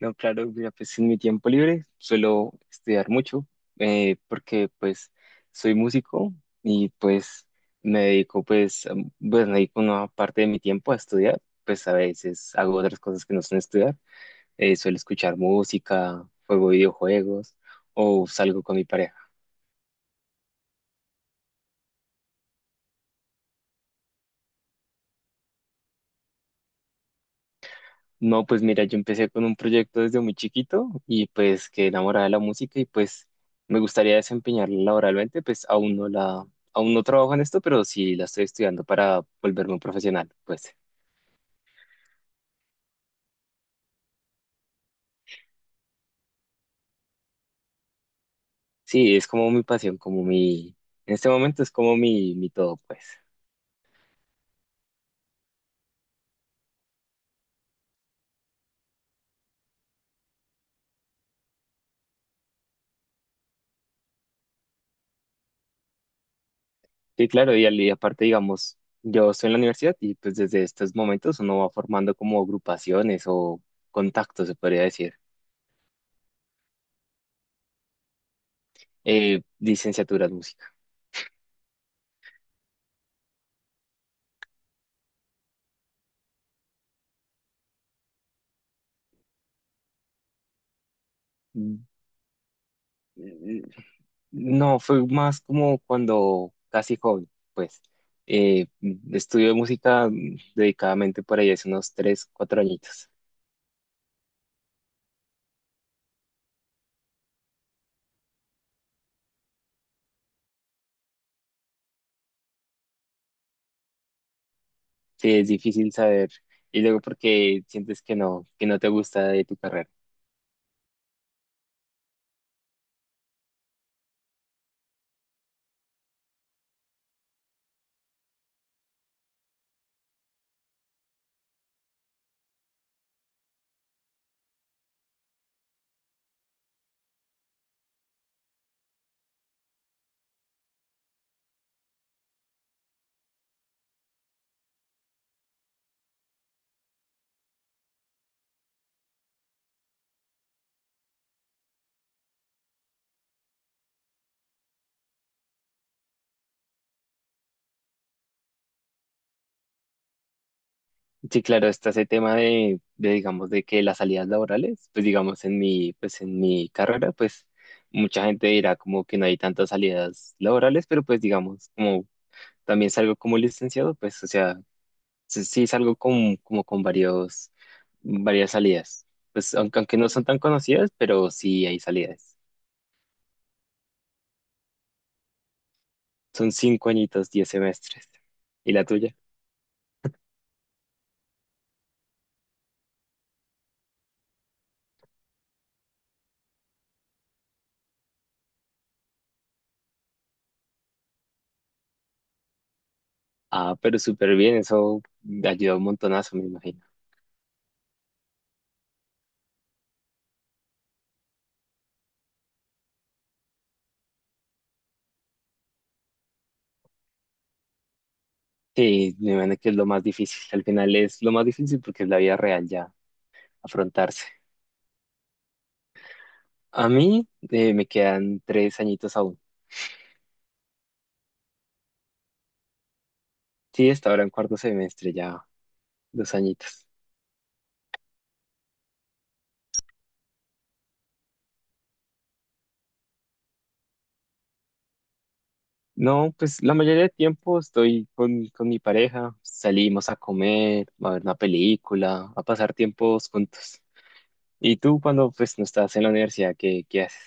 No, claro, mira, pues en mi tiempo libre suelo estudiar mucho, porque pues soy músico y pues me dedico pues me dedico una parte de mi tiempo a estudiar, pues a veces hago otras cosas que no son estudiar, suelo escuchar música, juego videojuegos o salgo con mi pareja. No, pues mira, yo empecé con un proyecto desde muy chiquito y pues quedé enamorada de la música y pues me gustaría desempeñarla laboralmente, pues aún no trabajo en esto, pero sí la estoy estudiando para volverme un profesional, pues sí, es como mi pasión, en este momento es como mi todo, pues. Sí, claro, y aparte, digamos, yo estoy en la universidad y pues desde estos momentos uno va formando como agrupaciones o contactos, se podría decir, licenciaturas música. No, fue más como cuando casi joven, pues. Eh, Estudio música dedicadamente por ahí hace unos 3, 4 añitos. Sí, es difícil saber. Y luego porque sientes que no te gusta de tu carrera. Sí, claro, está ese tema de, digamos, de que las salidas laborales, pues digamos, pues en mi carrera, pues mucha gente dirá como que no hay tantas salidas laborales, pero pues digamos, como también salgo como licenciado, pues, o sea, sí, sí, salgo como con varios, varias salidas. Pues aunque no son tan conocidas, pero sí hay salidas. Son 5 añitos, 10 semestres. ¿Y la tuya? Ah, pero súper bien, eso ayuda un montonazo, me imagino. Sí, me imagino que es lo más difícil. Al final es lo más difícil porque es la vida real ya, afrontarse. A mí me quedan 3 añitos aún. Sí, hasta ahora en cuarto semestre ya, 2 añitos. No, pues la mayoría de tiempo estoy con mi pareja, salimos a comer, a ver una película, a pasar tiempos juntos. Y tú cuando pues no estás en la universidad, ¿qué haces?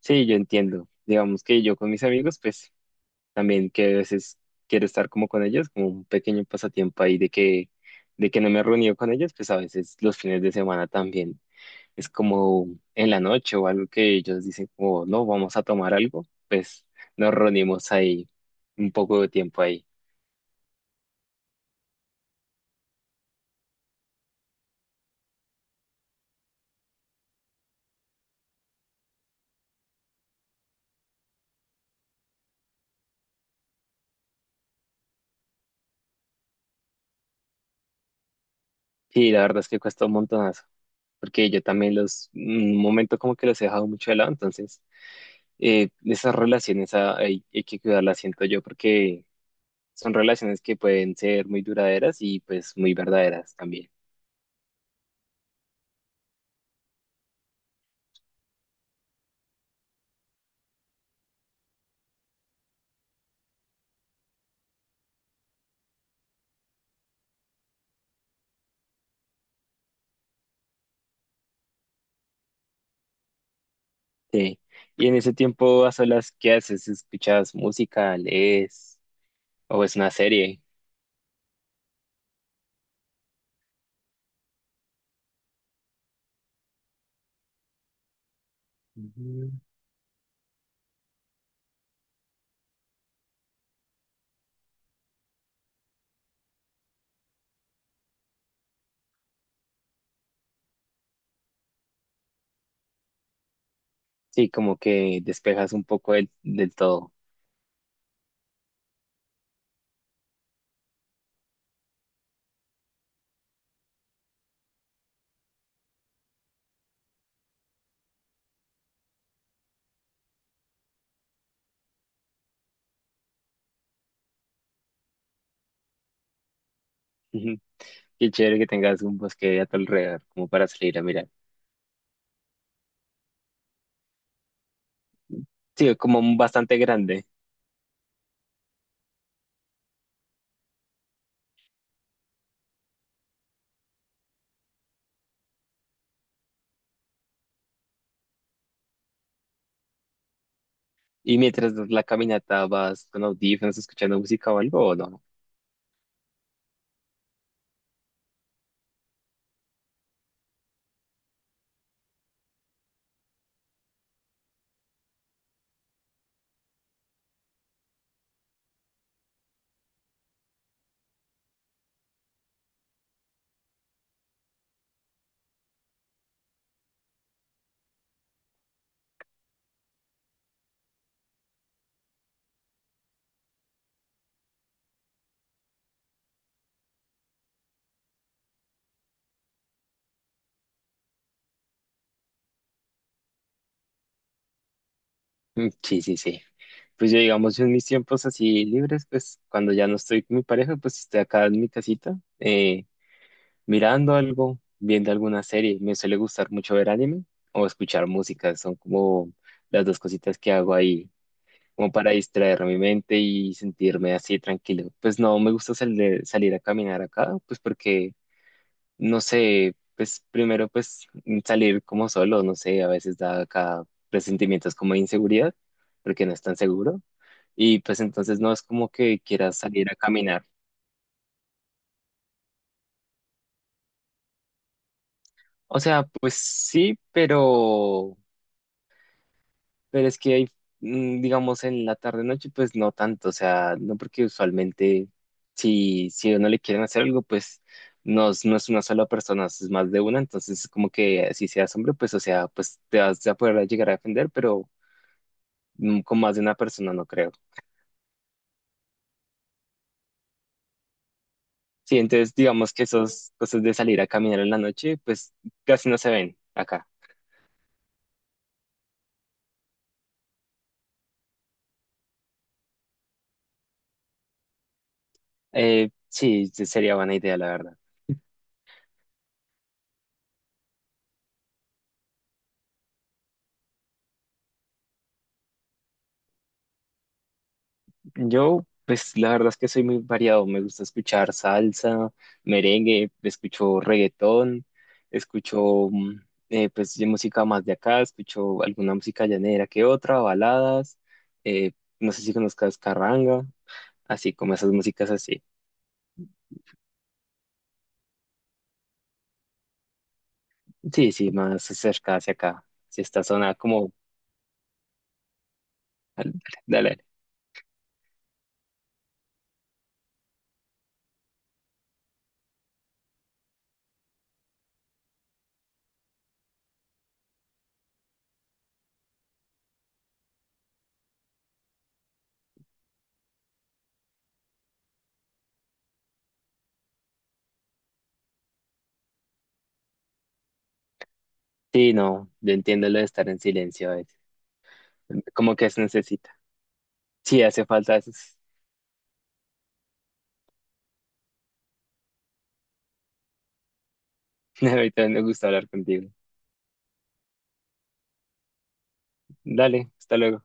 Sí, yo entiendo. Digamos que yo con mis amigos, pues también que a veces quiero estar como con ellos, como un pequeño pasatiempo ahí de que no me he reunido con ellos, pues a veces los fines de semana también. Es como en la noche o algo que ellos dicen como, no, vamos a tomar algo, pues nos reunimos ahí un poco de tiempo ahí. Y la verdad es que cuesta un montonazo, porque yo también un momento como que los he dejado mucho de lado, entonces esas relaciones hay que cuidarlas, siento yo, porque son relaciones que pueden ser muy duraderas y pues muy verdaderas también. Sí. Y en ese tiempo a solas, ¿qué haces? ¿Escuchas música, lees o ves una serie? Sí, como que despejas un poco del todo. Ujú. Qué chévere que tengas un bosque a tu alrededor, como para salir a mirar. Sí, como un bastante grande. Y mientras das la caminata, vas con audífonos, escuchando música o algo, ¿o no? Mm, sí, sí, sí. Pues yo, digamos, en mis tiempos así libres, pues cuando ya no estoy con mi pareja, pues estoy acá en mi casita, mirando algo, viendo alguna serie. Me suele gustar mucho ver anime o escuchar música. Son como las dos cositas que hago ahí como para distraer mi mente y sentirme así tranquilo. Pues no me gusta salir a caminar acá, pues porque, no sé, pues primero pues salir como solo, no sé, a veces da acá presentimientos como de inseguridad, porque no es tan seguro. Y pues entonces no es como que quieras salir a caminar. O sea, pues sí, pero pero es que hay, digamos, en la tarde-noche, pues no tanto, o sea, no porque usualmente si a uno le quieren hacer algo, pues no, no es una sola persona, es más de una, entonces como que si seas hombre, pues o sea, pues te vas a poder llegar a defender, pero con más de una persona no creo. Sí, entonces digamos que esas cosas de salir a caminar en la noche, pues casi no se ven acá. Sí, sí, sería buena idea, la verdad. Yo, pues la verdad es que soy muy variado. Me gusta escuchar salsa, merengue, escucho reggaetón, escucho mm, pues de música más de acá, escucho alguna música llanera que otra, baladas, eh, no sé si conozcas carranga, así como esas músicas así. Sí, sí, más cerca hacia acá. Si esta zona como, dale. Sí, no, yo entiendo lo de estar en silencio a veces. Como que se necesita. Sí, hace falta eso. Ahorita me gusta hablar contigo. Dale, hasta luego.